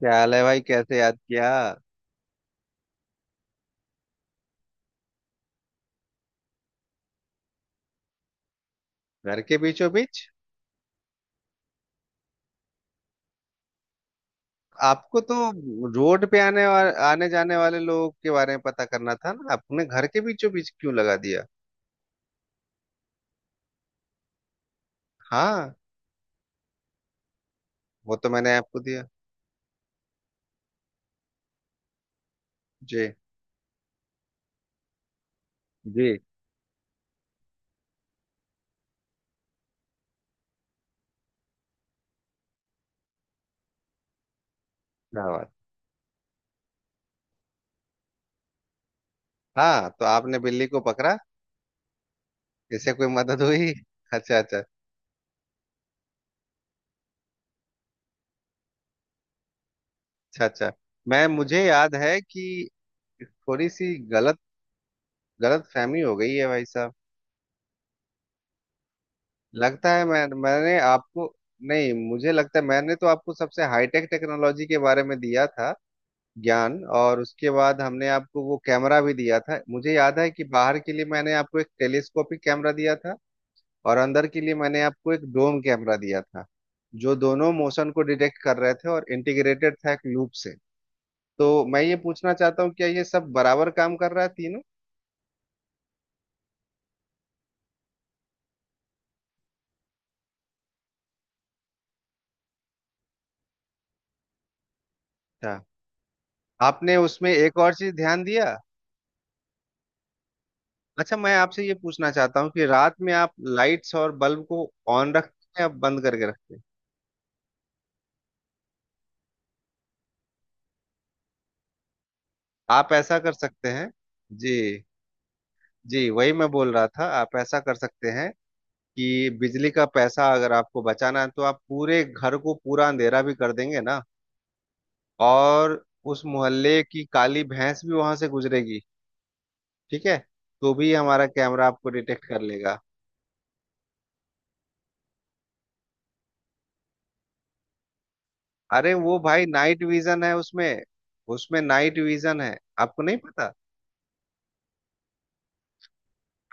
क्या हाल है भाई, कैसे याद किया। घर के बीचों बीच? आपको तो रोड पे आने वा, आने जाने वाले लोगों के बारे में पता करना था ना, आपने घर के बीचों बीच क्यों लगा दिया? हाँ, वो तो मैंने आपको दिया। जी। जी। क्या बात। हाँ तो आपने बिल्ली को पकड़ा? इससे कोई मदद हुई? अच्छा अच्छा। अच्छा अच्छा। मैं मुझे याद है कि थोड़ी सी गलत गलत फहमी हो गई है भाई साहब। लगता है मैंने आपको। नहीं, मुझे लगता है मैंने तो आपको सबसे हाईटेक टेक्नोलॉजी के बारे में दिया था ज्ञान। और उसके बाद हमने आपको वो कैमरा भी दिया था, मुझे याद है कि बाहर के लिए मैंने आपको एक टेलीस्कोपिक कैमरा दिया था। और अंदर के लिए मैंने आपको एक डोम कैमरा दिया था। जो दोनों मोशन को डिटेक्ट कर रहे थे और इंटीग्रेटेड था एक लूप से। तो मैं ये पूछना चाहता हूँ, क्या ये सब बराबर काम कर रहा है, तीनों? अच्छा। आपने उसमें एक और चीज ध्यान दिया? अच्छा मैं आपसे ये पूछना चाहता हूँ कि रात में आप लाइट्स और बल्ब को ऑन रखते हैं या बंद करके रखते हैं? आप ऐसा कर सकते हैं। जी। जी वही मैं बोल रहा था, आप ऐसा कर सकते हैं कि बिजली का पैसा अगर आपको बचाना है तो आप पूरे घर को पूरा अंधेरा भी कर देंगे ना। और उस मोहल्ले की काली भैंस भी वहां से गुजरेगी, ठीक है, तो भी हमारा कैमरा आपको डिटेक्ट कर लेगा। अरे वो भाई नाइट विजन है उसमें। उसमें नाइट विजन है, आपको नहीं पता।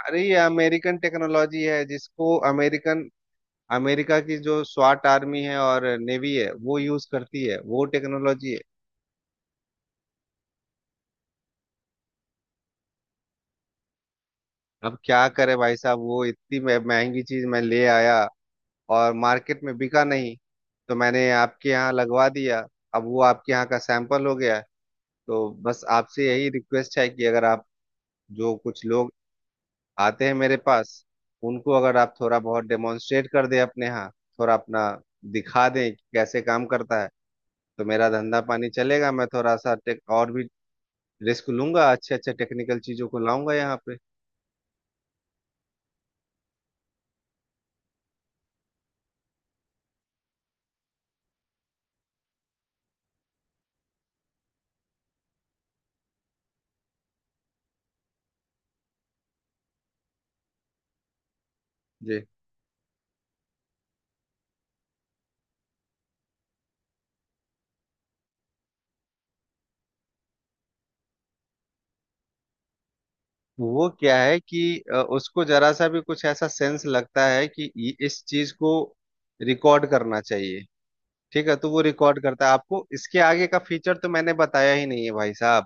अरे ये अमेरिकन टेक्नोलॉजी है, जिसको अमेरिकन अमेरिका की जो स्वाट आर्मी है और नेवी है वो यूज करती है, वो टेक्नोलॉजी है। अब क्या करे भाई साहब, वो इतनी महंगी चीज मैं ले आया और मार्केट में बिका नहीं, तो मैंने आपके यहाँ लगवा दिया। अब वो आपके यहाँ का सैंपल हो गया। तो बस आपसे यही रिक्वेस्ट है कि अगर आप, जो कुछ लोग आते हैं मेरे पास, उनको अगर आप थोड़ा बहुत डेमोन्स्ट्रेट कर दें अपने यहाँ, थोड़ा अपना दिखा दें कि कैसे काम करता है, तो मेरा धंधा पानी चलेगा। मैं थोड़ा सा टेक और भी रिस्क लूंगा, अच्छे अच्छे टेक्निकल चीजों को लाऊंगा यहाँ पे। जी। वो क्या है कि उसको जरा सा भी कुछ ऐसा सेंस लगता है कि इस चीज को रिकॉर्ड करना चाहिए, ठीक है, तो वो रिकॉर्ड करता है। आपको इसके आगे का फीचर तो मैंने बताया ही नहीं है भाई साहब।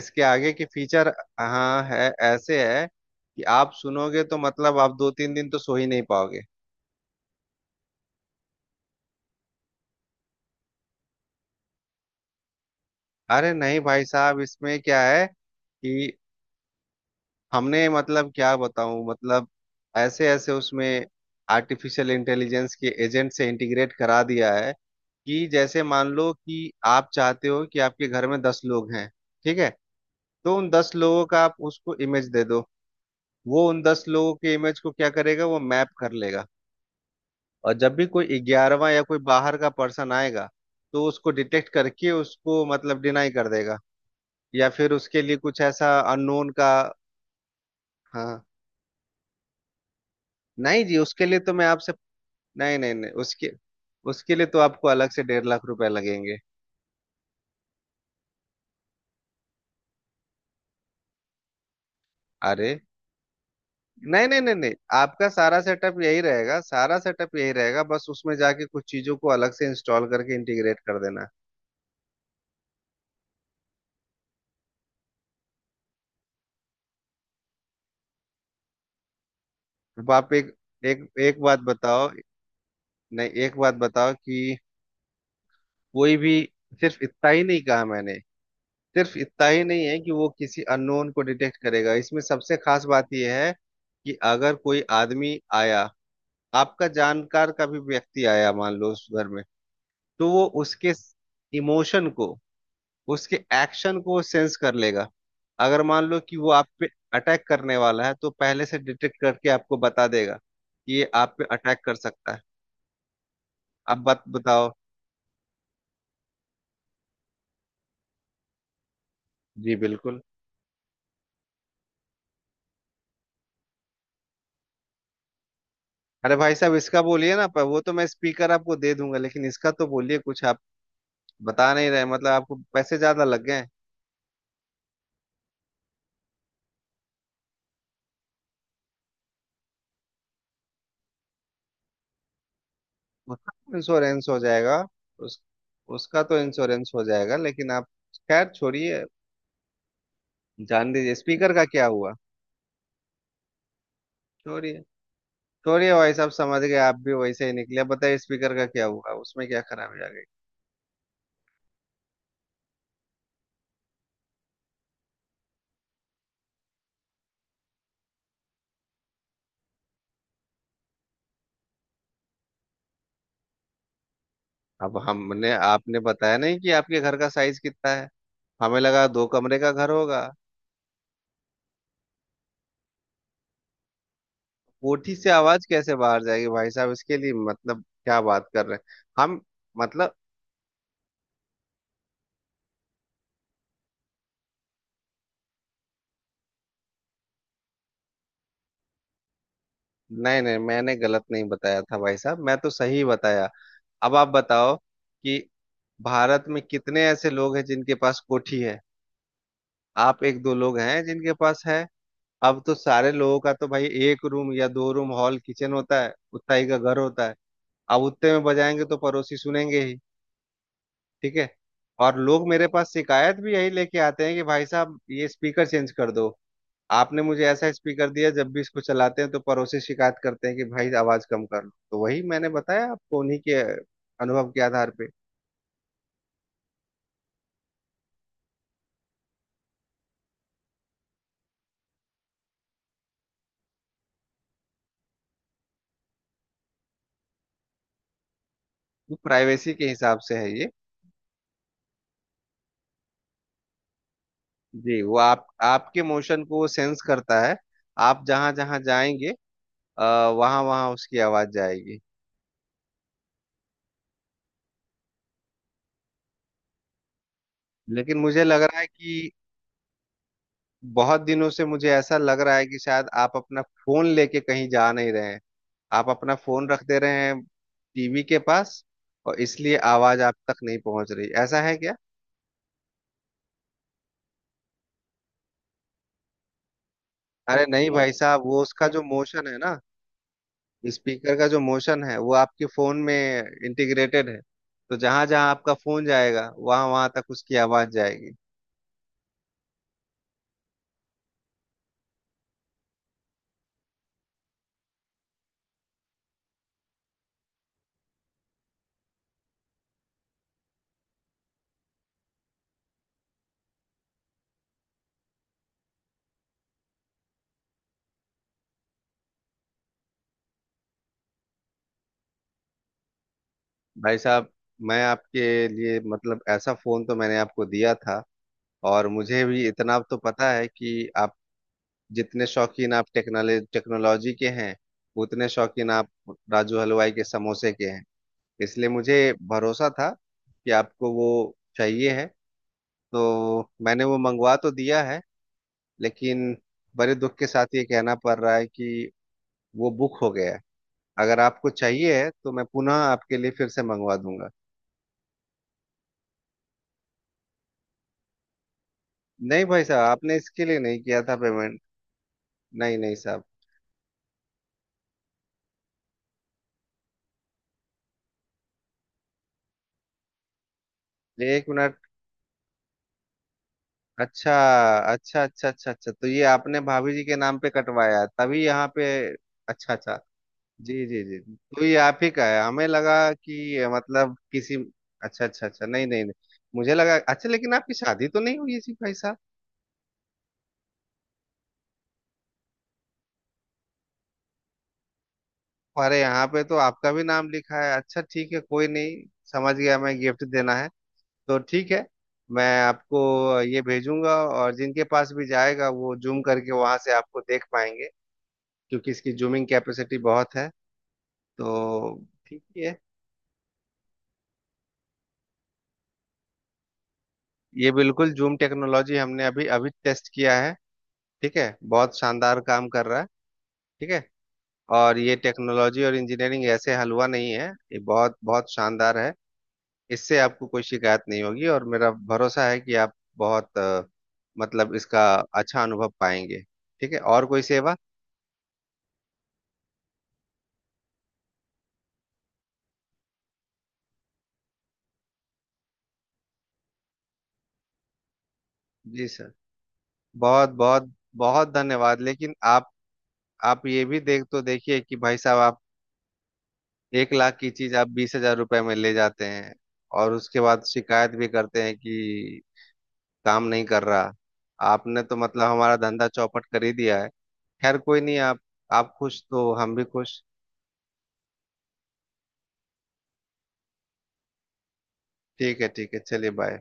इसके आगे के फीचर। हाँ है। ऐसे है कि आप सुनोगे तो मतलब आप दो तीन दिन तो सो ही नहीं पाओगे। अरे नहीं भाई साहब, इसमें क्या है कि हमने, मतलब क्या बताऊं, मतलब ऐसे ऐसे उसमें आर्टिफिशियल इंटेलिजेंस के एजेंट से इंटीग्रेट करा दिया है। कि जैसे मान लो कि आप चाहते हो कि आपके घर में 10 लोग हैं, ठीक है, तो उन 10 लोगों का आप उसको इमेज दे दो। वो उन 10 लोगों के इमेज को क्या करेगा, वो मैप कर लेगा। और जब भी कोई ग्यारहवा या कोई बाहर का पर्सन आएगा, तो उसको डिटेक्ट करके उसको मतलब डिनाई कर देगा। या फिर उसके लिए कुछ ऐसा अननोन का। हाँ। नहीं जी उसके लिए तो मैं आपसे, नहीं नहीं नहीं, उसके उसके लिए तो आपको अलग से 1.5 लाख रुपए लगेंगे। अरे नहीं नहीं नहीं नहीं, आपका सारा सेटअप यही रहेगा, सारा सेटअप यही रहेगा, बस उसमें जाके कुछ चीजों को अलग से इंस्टॉल करके इंटीग्रेट कर देना। अब आप एक एक एक बात बताओ। नहीं एक बात बताओ कि कोई भी, सिर्फ इतना ही नहीं कहा मैंने, सिर्फ इतना ही नहीं है कि वो किसी अननोन को डिटेक्ट करेगा, इसमें सबसे खास बात यह है कि अगर कोई आदमी आया, आपका जानकार का भी व्यक्ति आया मान लो उस घर में, तो वो उसके इमोशन को, उसके एक्शन को सेंस कर लेगा। अगर मान लो कि वो आप पे अटैक करने वाला है, तो पहले से डिटेक्ट करके आपको बता देगा कि ये आप पे अटैक कर सकता है। अब बत बताओ। जी बिल्कुल। अरे भाई साहब इसका बोलिए ना, पर वो तो मैं स्पीकर आपको दे दूंगा, लेकिन इसका तो बोलिए कुछ, आप बता नहीं रहे, मतलब आपको पैसे ज्यादा लग गए हैं। उसका तो इंश्योरेंस हो जाएगा। उस उसका तो इंश्योरेंस हो जाएगा लेकिन आप, खैर छोड़िए। जान दीजिए, स्पीकर का क्या हुआ। छोड़िए छोड़िए भाई साहब, समझ गए, आप भी वैसे ही निकले, बताइए स्पीकर का क्या हुआ, उसमें क्या खराबी आ गई। अब हमने आपने बताया नहीं कि आपके घर का साइज कितना है। हमें लगा दो कमरे का घर होगा। कोठी से आवाज कैसे बाहर जाएगी भाई साहब, इसके लिए मतलब क्या बात कर रहे हैं हम। मतलब, नहीं नहीं मैंने गलत नहीं बताया था भाई साहब, मैं तो सही बताया। अब आप बताओ कि भारत में कितने ऐसे लोग हैं जिनके पास कोठी है, आप एक दो लोग हैं जिनके पास है। अब तो सारे लोगों का तो भाई एक रूम या दो रूम हॉल किचन होता है, उतना ही का घर होता है। अब उतने में बजाएंगे तो पड़ोसी सुनेंगे ही, ठीक है। और लोग मेरे पास शिकायत भी यही लेके आते हैं कि भाई साहब ये स्पीकर चेंज कर दो। आपने मुझे ऐसा स्पीकर दिया, जब भी इसको चलाते हैं तो पड़ोसी शिकायत करते हैं कि भाई आवाज कम कर लो, तो वही मैंने बताया आपको, उन्हीं के अनुभव के आधार पे। वो प्राइवेसी के हिसाब से है ये। जी वो आप आपके मोशन को वो सेंस करता है। आप जहां जहां जाएंगे, वहां वहां उसकी आवाज जाएगी। लेकिन मुझे लग रहा है कि बहुत दिनों से मुझे ऐसा लग रहा है कि शायद आप अपना फोन लेके कहीं जा नहीं रहे हैं, आप अपना फोन रख दे रहे हैं टीवी के पास, और इसलिए आवाज आप तक नहीं पहुंच रही, ऐसा है क्या? अरे नहीं भाई साहब, वो उसका जो मोशन है ना, स्पीकर का जो मोशन है, वो आपके फोन में इंटीग्रेटेड है, तो जहां जहां आपका फोन जाएगा, वहां वहां तक उसकी आवाज जाएगी। भाई साहब मैं आपके लिए, मतलब ऐसा फोन तो मैंने आपको दिया था, और मुझे भी इतना तो पता है कि आप जितने शौकीन आप टेक्नोलॉजी टेक्नोलॉजी के हैं, उतने शौकीन आप राजू हलवाई के समोसे के हैं। इसलिए मुझे भरोसा था कि आपको वो चाहिए है, तो मैंने वो मंगवा तो दिया है। लेकिन बड़े दुख के साथ ये कहना पड़ रहा है कि वो बुक हो गया है, अगर आपको चाहिए है तो मैं पुनः आपके लिए फिर से मंगवा दूंगा। नहीं भाई साहब आपने इसके लिए नहीं किया था पेमेंट, नहीं नहीं साहब। ये एक मिनट। अच्छा अच्छा अच्छा अच्छा अच्छा, तो ये आपने भाभी जी के नाम पे कटवाया है, तभी यहाँ पे। अच्छा अच्छा। जी जी जी, तो ये आप ही का है, हमें लगा कि मतलब किसी। अच्छा अच्छा अच्छा नहीं नहीं नहीं, मुझे लगा अच्छा, लेकिन आपकी शादी तो नहीं हुई थी भाई साहब। हमारे यहाँ पे तो आपका भी नाम लिखा है, अच्छा ठीक है कोई नहीं, समझ गया, मैं गिफ्ट देना है तो ठीक है। मैं आपको ये भेजूंगा और जिनके पास भी जाएगा वो जूम करके वहां से आपको देख पाएंगे, क्योंकि इसकी जूमिंग कैपेसिटी बहुत है, तो ठीक है। ये बिल्कुल जूम टेक्नोलॉजी हमने अभी अभी टेस्ट किया है, ठीक है, बहुत शानदार काम कर रहा है, ठीक है। और ये टेक्नोलॉजी और इंजीनियरिंग ऐसे हलवा नहीं है, ये बहुत बहुत शानदार है। इससे आपको कोई शिकायत नहीं होगी, और मेरा भरोसा है कि आप बहुत मतलब इसका अच्छा अनुभव पाएंगे। ठीक है, और कोई सेवा? जी सर। बहुत बहुत बहुत धन्यवाद, लेकिन आप ये भी देख तो देखिए कि भाई साहब आप 1 लाख की चीज आप 20 हजार रुपए में ले जाते हैं, और उसके बाद शिकायत भी करते हैं कि काम नहीं कर रहा, आपने तो मतलब हमारा धंधा चौपट कर ही दिया है। खैर कोई नहीं, आप, आप खुश तो हम भी खुश। ठीक है चलिए बाय।